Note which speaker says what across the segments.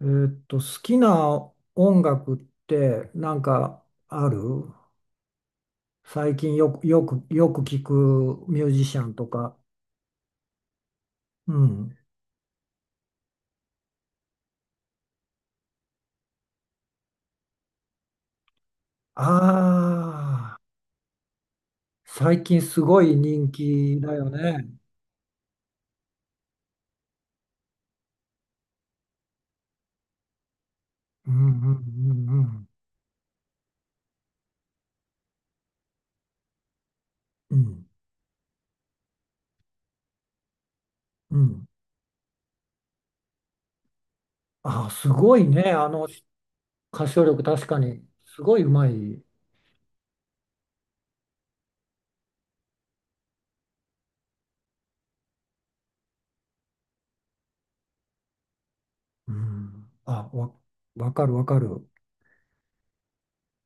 Speaker 1: 好きな音楽ってなんかある？最近よく聞くミュージシャンとか。うん。ああ、最近すごい人気だよね。うんうんうんうん。うんうん。ああ、すごいね。あの歌唱力確かにすごいうまい。うん。あ、わかるわかる。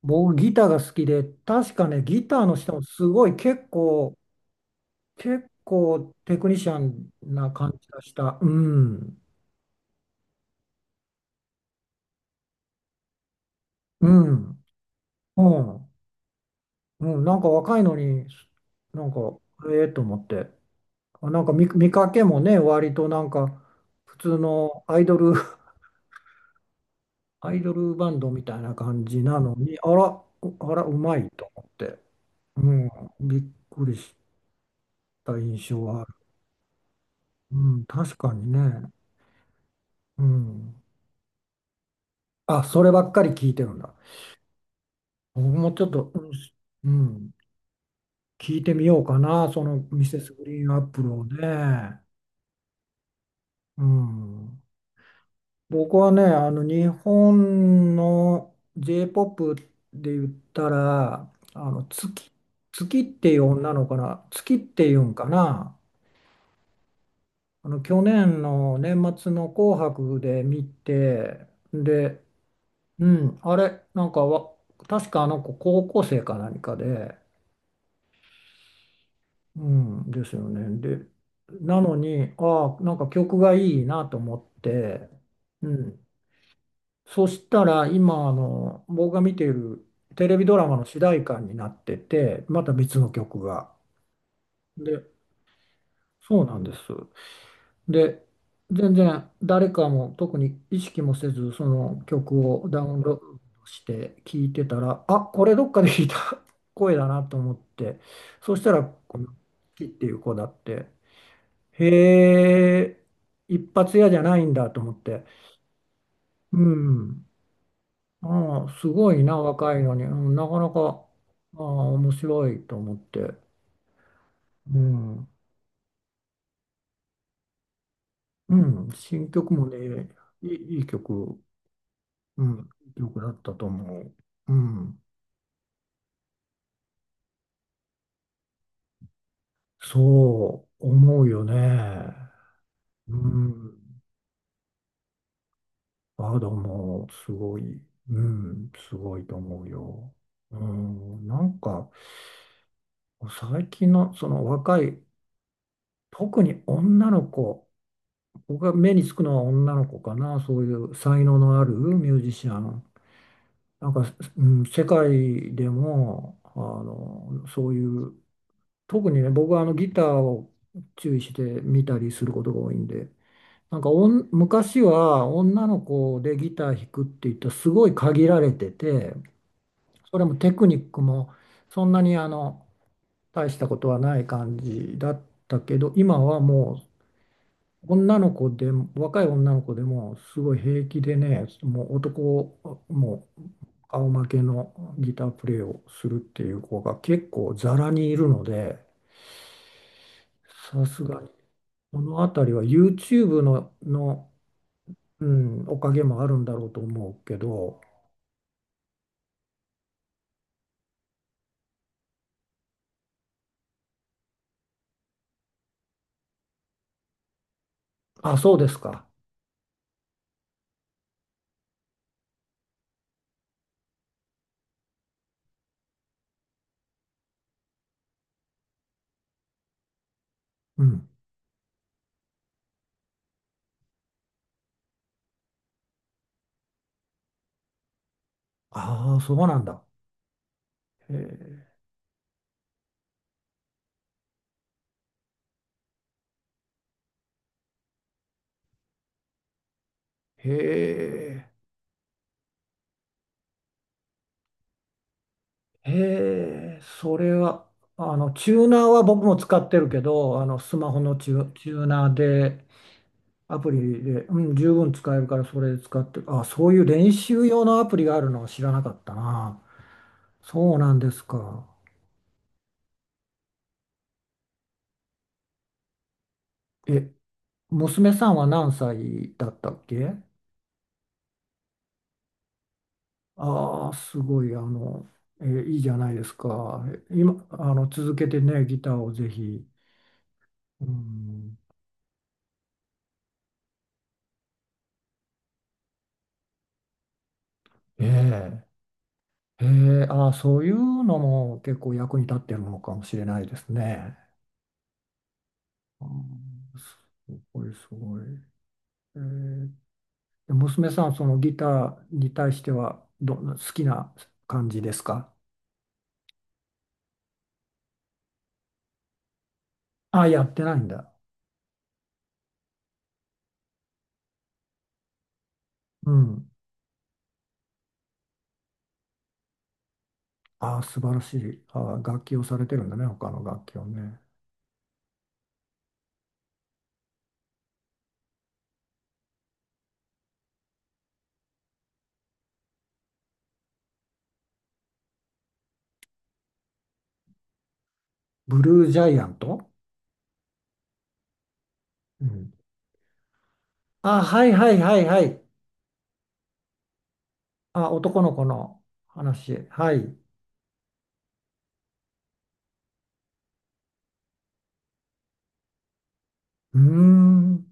Speaker 1: 僕ギターが好きで、確かね、ギターの人もすごい結構テクニシャンな感じがした。うん、うん、うん、うん、なんか若いのに、なんか、ええと思って。あなんか見かけもね、割となんか、普通のアイドル、アイドルバンドみたいな感じなのに、あら、あら、うまいと思って。うん、びっくりした印象はある。うん、確かにね。うん。あ、そればっかり聞いてるんだ。僕もちょっと、うん、うん聞いてみようかな、そのミセスグリーンアップルをね。うん、僕はね、あの日本の J-POP で言ったら、あの月っていう女の子かな、月っていうんかな、あの去年の年末の「紅白」で見て、で、うん、あれ、なんか確かあの子高校生か何かで。うん、ですよね。で、なのに、ああ、なんか曲がいいなと思って、うん。そしたら、今、僕が見ているテレビドラマの主題歌になってて、また別の曲が。で、そうなんです。で、全然誰かも特に意識もせず、その曲をダウンロードして聴いてたら、あ、これどっかで聞いた声だなと思って、そしたら、このキっていう子だって。へえ、一発屋じゃないんだと思って。うん。ああ、すごいな、若いのに。うん、なかなか、ああ、面白いと思って。うん。うん、新曲もね、いい曲、うん、いい曲だったと思う。うん。そう思うよね。うん。バードもすごい、うん、すごいと思うよ。うん、なんか、最近のその若い特に女の子、僕が目につくのは女の子かな、そういう才能のあるミュージシャン。なんか、うん、世界でも、そういう、特にね、僕はあのギターを注意して見たりすることが多いんで、なんか昔は女の子でギター弾くって言ったらすごい限られてて、それもテクニックもそんなに大したことはない感じだったけど、今はもう女の子でも、若い女の子でも、すごい平気でね、もう顔負けのギタープレイをするっていう子が結構ざらにいるので、さすがに、この辺りは YouTube の、うん、おかげもあるんだろうと思うけど、あ、そうですか。うん。ああ、そうなんだ。へえ。へえ。へえ、それは、チューナーは僕も使ってるけど、スマホのチューナーで、アプリで、うん、十分使えるからそれ使ってる。あ、そういう練習用のアプリがあるのは知らなかったな。そうなんですか。え、娘さんは何歳だったっけ？ああー、すごい、いいじゃないですか。今、続けてね、ギターをぜひ。うん、ええへえ、ああ、そういうのも結構役に立ってるのかもしれないですね。うんすごい、すごい。えーで娘さん、そのギターに対してはどんな、好きな感じですか？あやってないんだ。うん。あ素晴らしい。あ楽器をされてるんだね、他の楽器をね。ブルージャイアント。うん。あはいはいはいはい。ああ、男の子の話。はい。うーん。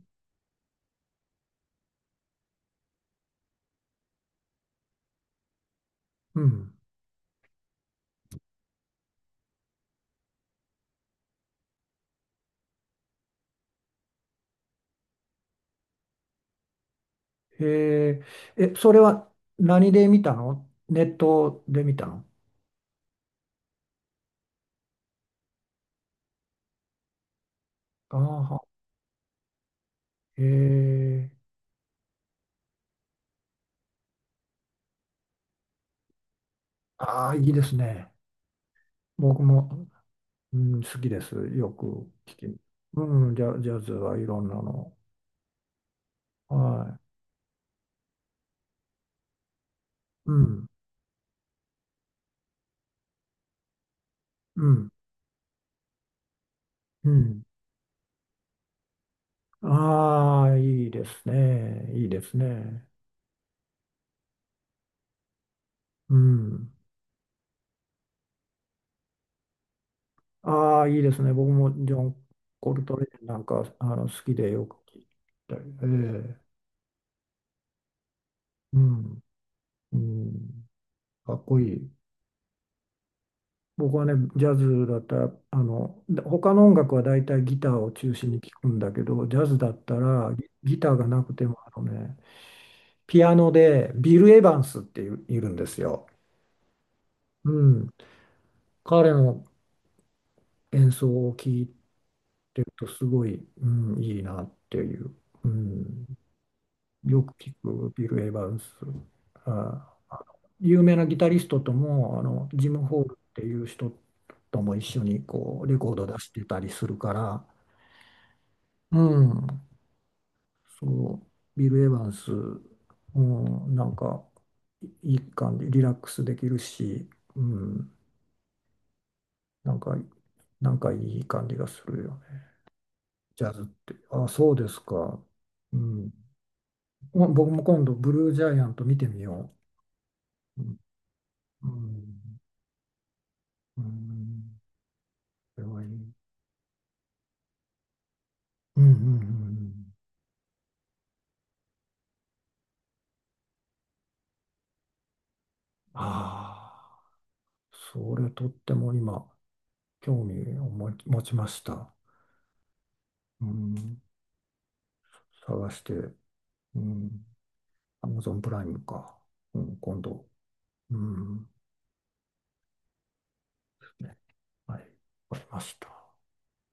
Speaker 1: うん。へえ、え、それは何で見たの？ネットで見たの？ああ、へえ、ああ、いいですね。僕も、うん、好きです。よく聞き。うん、ジャズはいろんなの。はい。うん、うん、うん。ああ、いいですね。いいですね。うん。ああ、いいですね。僕もジョン・コルトレーンなんか、好きでよく聞いたり。ええ、うん、うん、かっこいい。僕はね、ジャズだったら、で他の音楽は大体ギターを中心に聴くんだけど、ジャズだったらギターがなくても、あのね、ピアノでビル・エヴァンスっていう、いるんですよ。うん。彼の演奏を聴いてるとすごい、うん、いいなっていう。うん。よく聴くビル・エヴァンス。あ、あの有名なギタリストとも、ジム・ホールっていう人とも一緒にこうレコード出してたりするから、うん、そう、ビル・エヴァンス、うん、なんか、いいい感じ、リラックスできるし、うん、なんか、なんかいい感じがするよね、ジャズって。あ、そうですか。うん、ま僕も今度、ブルージャイアント見てみよう。うん、うん、うんそれはいい。うん、うん、うん。ああ、それとっても今、興味を持ちました。うん、探して。うんアマゾンプライムか。うん、今度。うん。ねはい。わかりました。